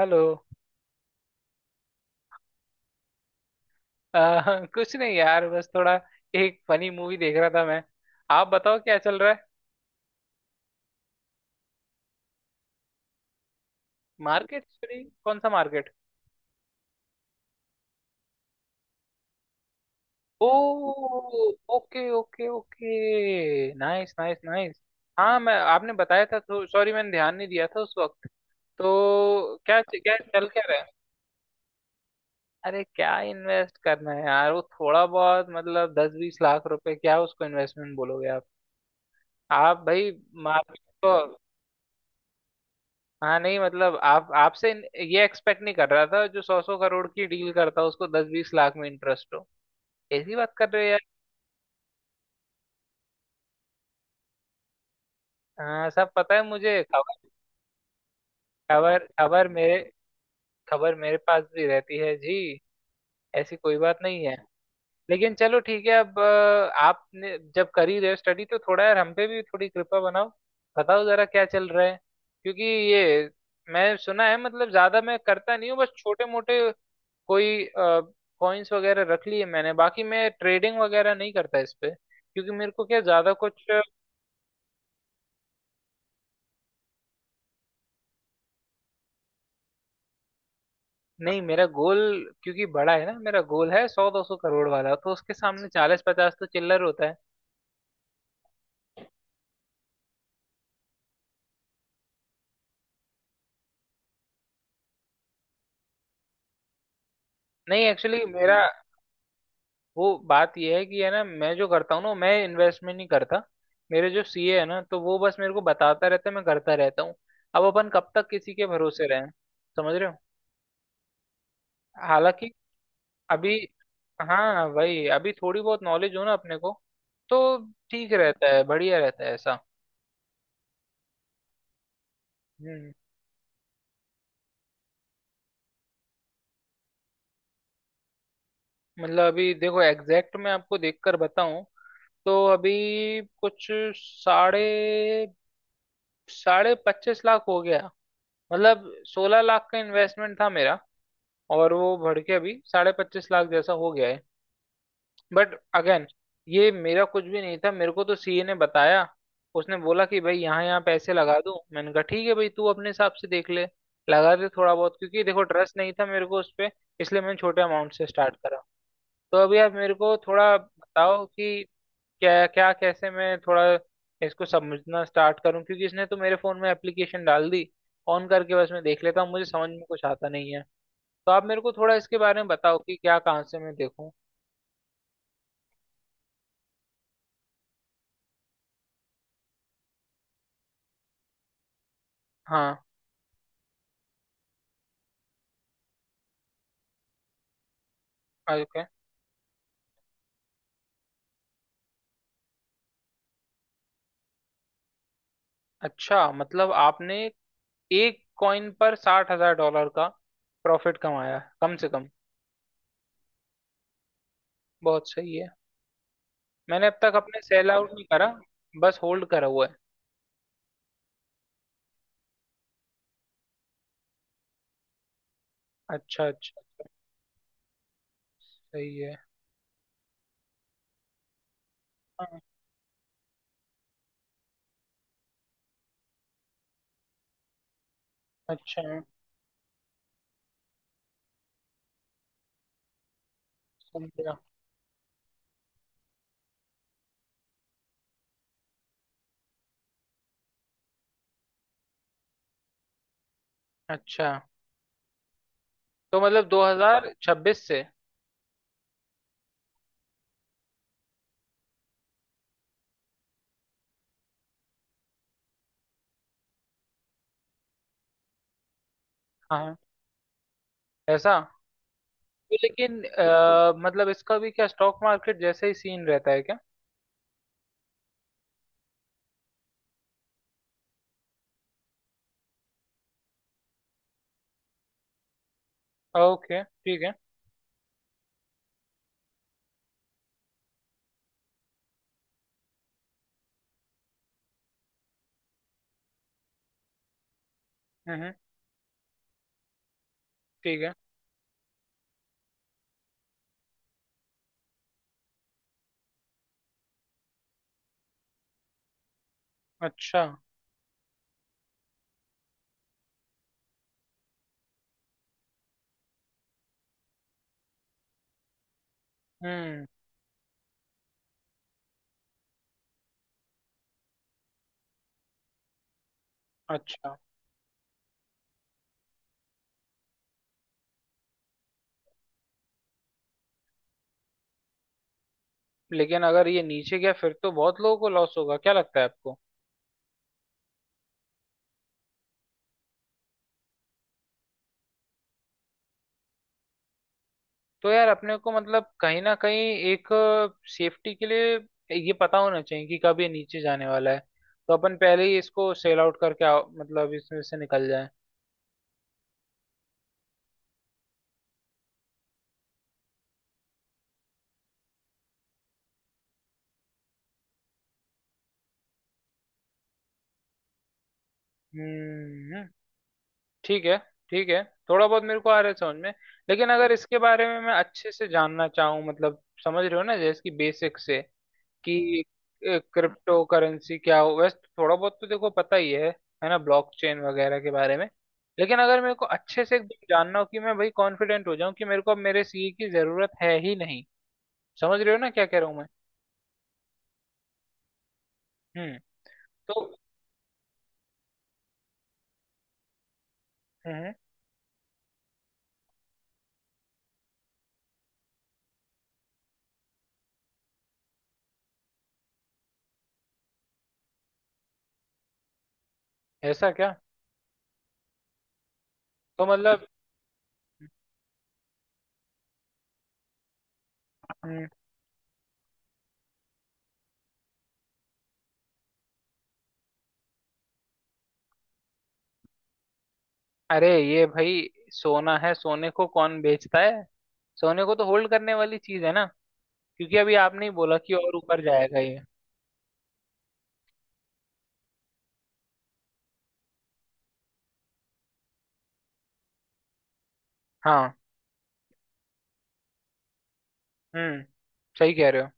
Hello. कुछ नहीं यार, बस थोड़ा एक फनी मूवी देख रहा था मैं। आप बताओ क्या चल रहा है। मार्केट सॉरी, कौन सा market. Oh, okay okay okay, nice nice nice. हाँ, मैं आपने बताया था तो सॉरी, मैंने ध्यान नहीं दिया था उस वक्त। तो क्या क्या चल क्या रहा है। अरे क्या इन्वेस्ट करना है यार, वो थोड़ा बहुत मतलब 10-20 लाख रुपए, क्या उसको इन्वेस्टमेंट बोलोगे आप। आप भाई। मार्केट को। हाँ नहीं मतलब आप आपसे ये एक्सपेक्ट नहीं कर रहा था, जो सौ सौ करोड़ की डील करता हो उसको दस बीस लाख में इंटरेस्ट हो। ऐसी बात कर रहे हो यार। हाँ, सब पता है मुझे खबर। खबर खबर मेरे खबर मेरे पास भी रहती है जी। ऐसी कोई बात नहीं है। लेकिन चलो ठीक है, अब आपने जब कर ही रहे हो स्टडी तो थोड़ा यार हम पे भी थोड़ी कृपा बनाओ। बताओ जरा क्या चल रहा है, क्योंकि ये मैं सुना है। मतलब ज्यादा मैं करता नहीं हूँ, बस छोटे मोटे कोई कॉइन्स वगैरह रख लिए मैंने। बाकी मैं ट्रेडिंग वगैरह नहीं करता इस पे, क्योंकि मेरे को क्या ज्यादा कुछ नहीं। मेरा गोल क्योंकि बड़ा है ना, मेरा गोल है सौ दो सौ करोड़ वाला, तो उसके सामने 40-50 तो चिल्लर होता है। नहीं एक्चुअली, मेरा वो बात यह है कि, है ना, मैं जो करता हूँ ना, मैं इन्वेस्टमेंट नहीं करता। मेरे जो सीए है ना, तो वो बस मेरे को बताता रहता है, मैं करता रहता हूँ। अब अपन कब तक किसी के भरोसे रहें। समझ रहे हो। हालांकि अभी, हाँ वही, अभी थोड़ी बहुत नॉलेज हो ना अपने को, तो ठीक रहता है, बढ़िया रहता है ऐसा। हम्म। मतलब अभी देखो, एग्जैक्ट मैं आपको देखकर बताऊं, तो अभी कुछ साढ़े साढ़े पच्चीस लाख हो गया। मतलब 16 लाख का इन्वेस्टमेंट था मेरा, और वो बढ़ के अभी 25.5 लाख जैसा हो गया है। बट अगेन ये मेरा कुछ भी नहीं था, मेरे को तो सीए ने बताया। उसने बोला कि भाई, यहाँ यहाँ पैसे लगा दूं। मैंने कहा ठीक है भाई, तू अपने हिसाब से देख ले, लगा दे थोड़ा बहुत, क्योंकि देखो ट्रस्ट नहीं था मेरे को उस पे, इसलिए मैंने छोटे अमाउंट से स्टार्ट करा। तो अभी आप मेरे को थोड़ा बताओ कि क्या क्या कैसे मैं थोड़ा इसको समझना स्टार्ट करूं, क्योंकि इसने तो मेरे फोन में एप्लीकेशन डाल दी, ऑन करके बस मैं देख लेता हूँ, मुझे समझ में कुछ आता नहीं है। तो आप मेरे को थोड़ा इसके बारे में बताओ कि क्या कहाँ से मैं देखूँ। हाँ। ओके। अच्छा, मतलब आपने एक कॉइन पर 60,000 डॉलर का प्रॉफिट कमाया है, कम से कम। बहुत सही है। मैंने अब तक अपने सेल आउट नहीं करा, बस होल्ड करा हुआ है। अच्छा, अच्छा। सही है। हाँ, अच्छा समझा। अच्छा, तो मतलब 2026 से। हाँ। ऐसा। तो लेकिन मतलब इसका भी क्या स्टॉक मार्केट जैसे ही सीन रहता है क्या। ओके ठीक है। हम्म। ठीक है। अच्छा। हम्म। अच्छा। लेकिन अगर ये नीचे गया फिर तो बहुत लोगों को लॉस होगा, क्या लगता है आपको। तो यार अपने को मतलब कहीं ना कहीं एक सेफ्टी के लिए ये पता होना चाहिए कि कब ये नीचे जाने वाला है, तो अपन पहले ही इसको सेल आउट करके मतलब इसमें से निकल जाए। हम्म। ठीक है। ठीक है। थोड़ा बहुत मेरे को आ रहा है समझ में। लेकिन अगर इसके बारे में मैं अच्छे से जानना चाहूँ, मतलब समझ रहे हो ना, जैसे कि बेसिक से, कि क्रिप्टो करेंसी क्या हो। वैसे थोड़ा बहुत तो देखो पता ही है ना, ब्लॉकचेन वगैरह के बारे में। लेकिन अगर मेरे को अच्छे से एकदम जानना हो कि मैं भाई कॉन्फिडेंट हो जाऊं कि मेरे को अब मेरे सीए की जरूरत है ही नहीं, समझ रहे हो ना क्या कह रहा हूं मैं। हम्म। तो। हम्म। ऐसा क्या। तो मतलब। हम्म। अरे ये भाई सोना है, सोने को कौन बेचता है। सोने को तो होल्ड करने वाली चीज है ना, क्योंकि अभी आपने ही बोला कि और ऊपर जाएगा ये। हाँ। हम्म। सही कह रहे हो।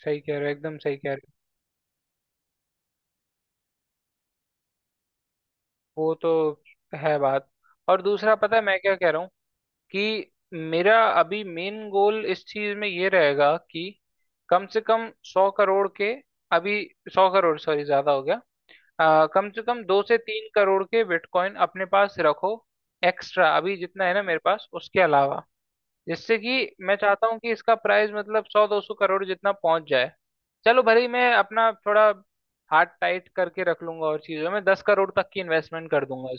सही कह रहे हो, एकदम सही कह रहे हो। वो तो है बात। और दूसरा, पता है मैं क्या कह रहा हूँ, कि मेरा अभी मेन गोल इस चीज में ये रहेगा कि कम से कम 100 करोड़ के, अभी सौ करोड़, सॉरी ज्यादा हो गया। कम से कम 2 से 3 करोड़ के बिटकॉइन अपने पास रखो, एक्स्ट्रा अभी जितना है ना मेरे पास उसके अलावा, जिससे कि मैं चाहता हूँ कि इसका प्राइस मतलब सौ दो सौ करोड़ जितना पहुंच जाए। चलो भले ही मैं अपना थोड़ा हार्ट टाइट करके रख लूंगा और चीजों में 10 करोड़ तक की इन्वेस्टमेंट कर दूंगा,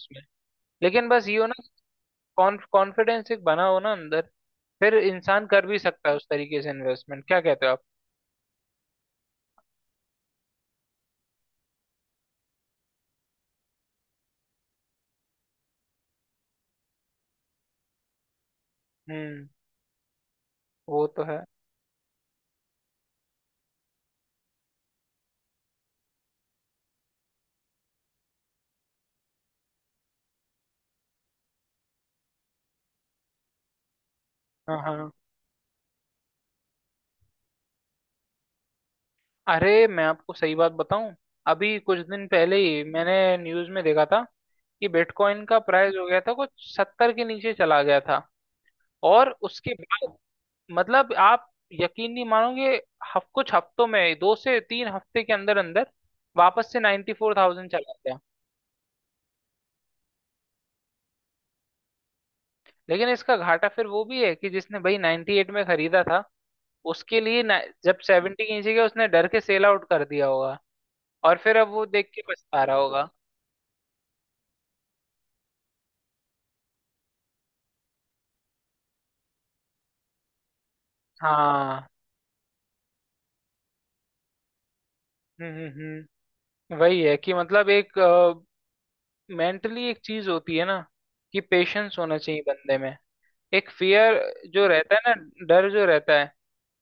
लेकिन बस ये हो ना, कॉन्फिडेंस एक बना हो ना अंदर, फिर इंसान कर भी सकता है उस तरीके से इन्वेस्टमेंट, क्या कहते हो आप। हम्म। वो तो है। हाँ, हाँ। अरे मैं आपको सही बात बताऊं, अभी कुछ दिन पहले ही मैंने न्यूज में देखा था कि बिटकॉइन का प्राइस हो गया था, कुछ सत्तर के नीचे चला गया था, और उसके बाद मतलब, आप यकीन नहीं मानोगे, हफ कुछ हफ्तों में, दो से तीन हफ्ते के अंदर अंदर वापस से 94,000 चला गया। लेकिन इसका घाटा फिर वो भी है कि जिसने भाई 98 में खरीदा था, उसके लिए जब 70 की नीचे गया, उसने डर के सेल आउट कर दिया होगा, और फिर अब वो देख के पछता रहा होगा। हाँ। हम्म, हम्म, वही है कि मतलब, एक मेंटली एक चीज होती है ना, कि पेशेंस होना चाहिए बंदे में। एक फियर जो रहता है ना, डर जो रहता है,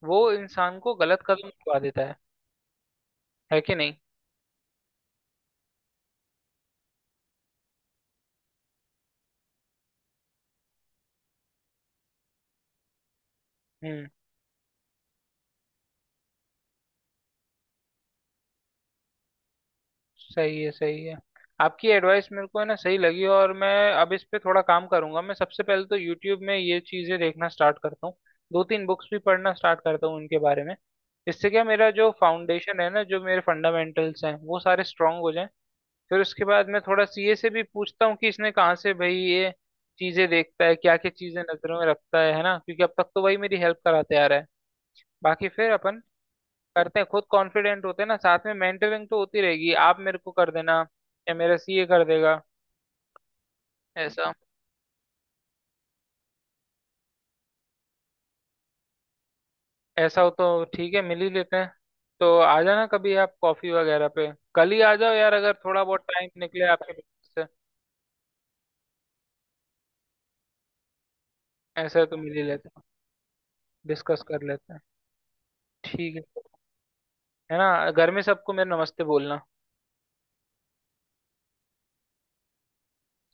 वो इंसान को गलत कदम उठा देता है कि नहीं। हम्म। सही है, सही है। आपकी एडवाइस मेरे को है ना सही लगी, और मैं अब इस पे थोड़ा काम करूंगा। मैं सबसे पहले तो यूट्यूब में ये चीजें देखना स्टार्ट करता हूँ, दो तीन बुक्स भी पढ़ना स्टार्ट करता हूँ इनके बारे में, इससे क्या, मेरा जो फाउंडेशन है ना, जो मेरे फंडामेंटल्स हैं वो सारे स्ट्रांग हो जाएं। फिर उसके बाद मैं थोड़ा सीए से भी पूछता हूँ कि इसने कहाँ से भाई ये चीजें देखता है, क्या क्या चीजें नजरों में रखता है ना, क्योंकि अब तक तो वही मेरी हेल्प कराते आ रहा है। बाकी फिर अपन करते हैं, खुद कॉन्फिडेंट होते हैं ना, साथ में मेंटरिंग तो होती रहेगी, आप मेरे को कर देना, या मेरा सीए कर देगा। ऐसा। ऐसा हो तो ठीक है, मिल ही लेते हैं। तो आ जाना कभी आप कॉफी वगैरह पे, कल ही आ जाओ यार अगर थोड़ा बहुत टाइम निकले आपके पास से। ऐसा है तो मिल ही लेते हैं, डिस्कस कर लेते हैं। ठीक है ना, घर में सबको मेरा नमस्ते बोलना।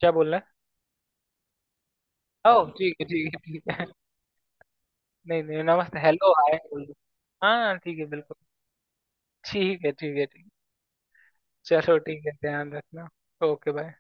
क्या बोलना। है ओ, ठीक है, ठीक है, ठीक है। नहीं, नहीं, नमस्ते हेलो हाय बोल दो। हाँ ठीक है, बिल्कुल। ठीक है। ठीक है। ठीक है। चलो ठीक है, ध्यान रखना। Okay bye.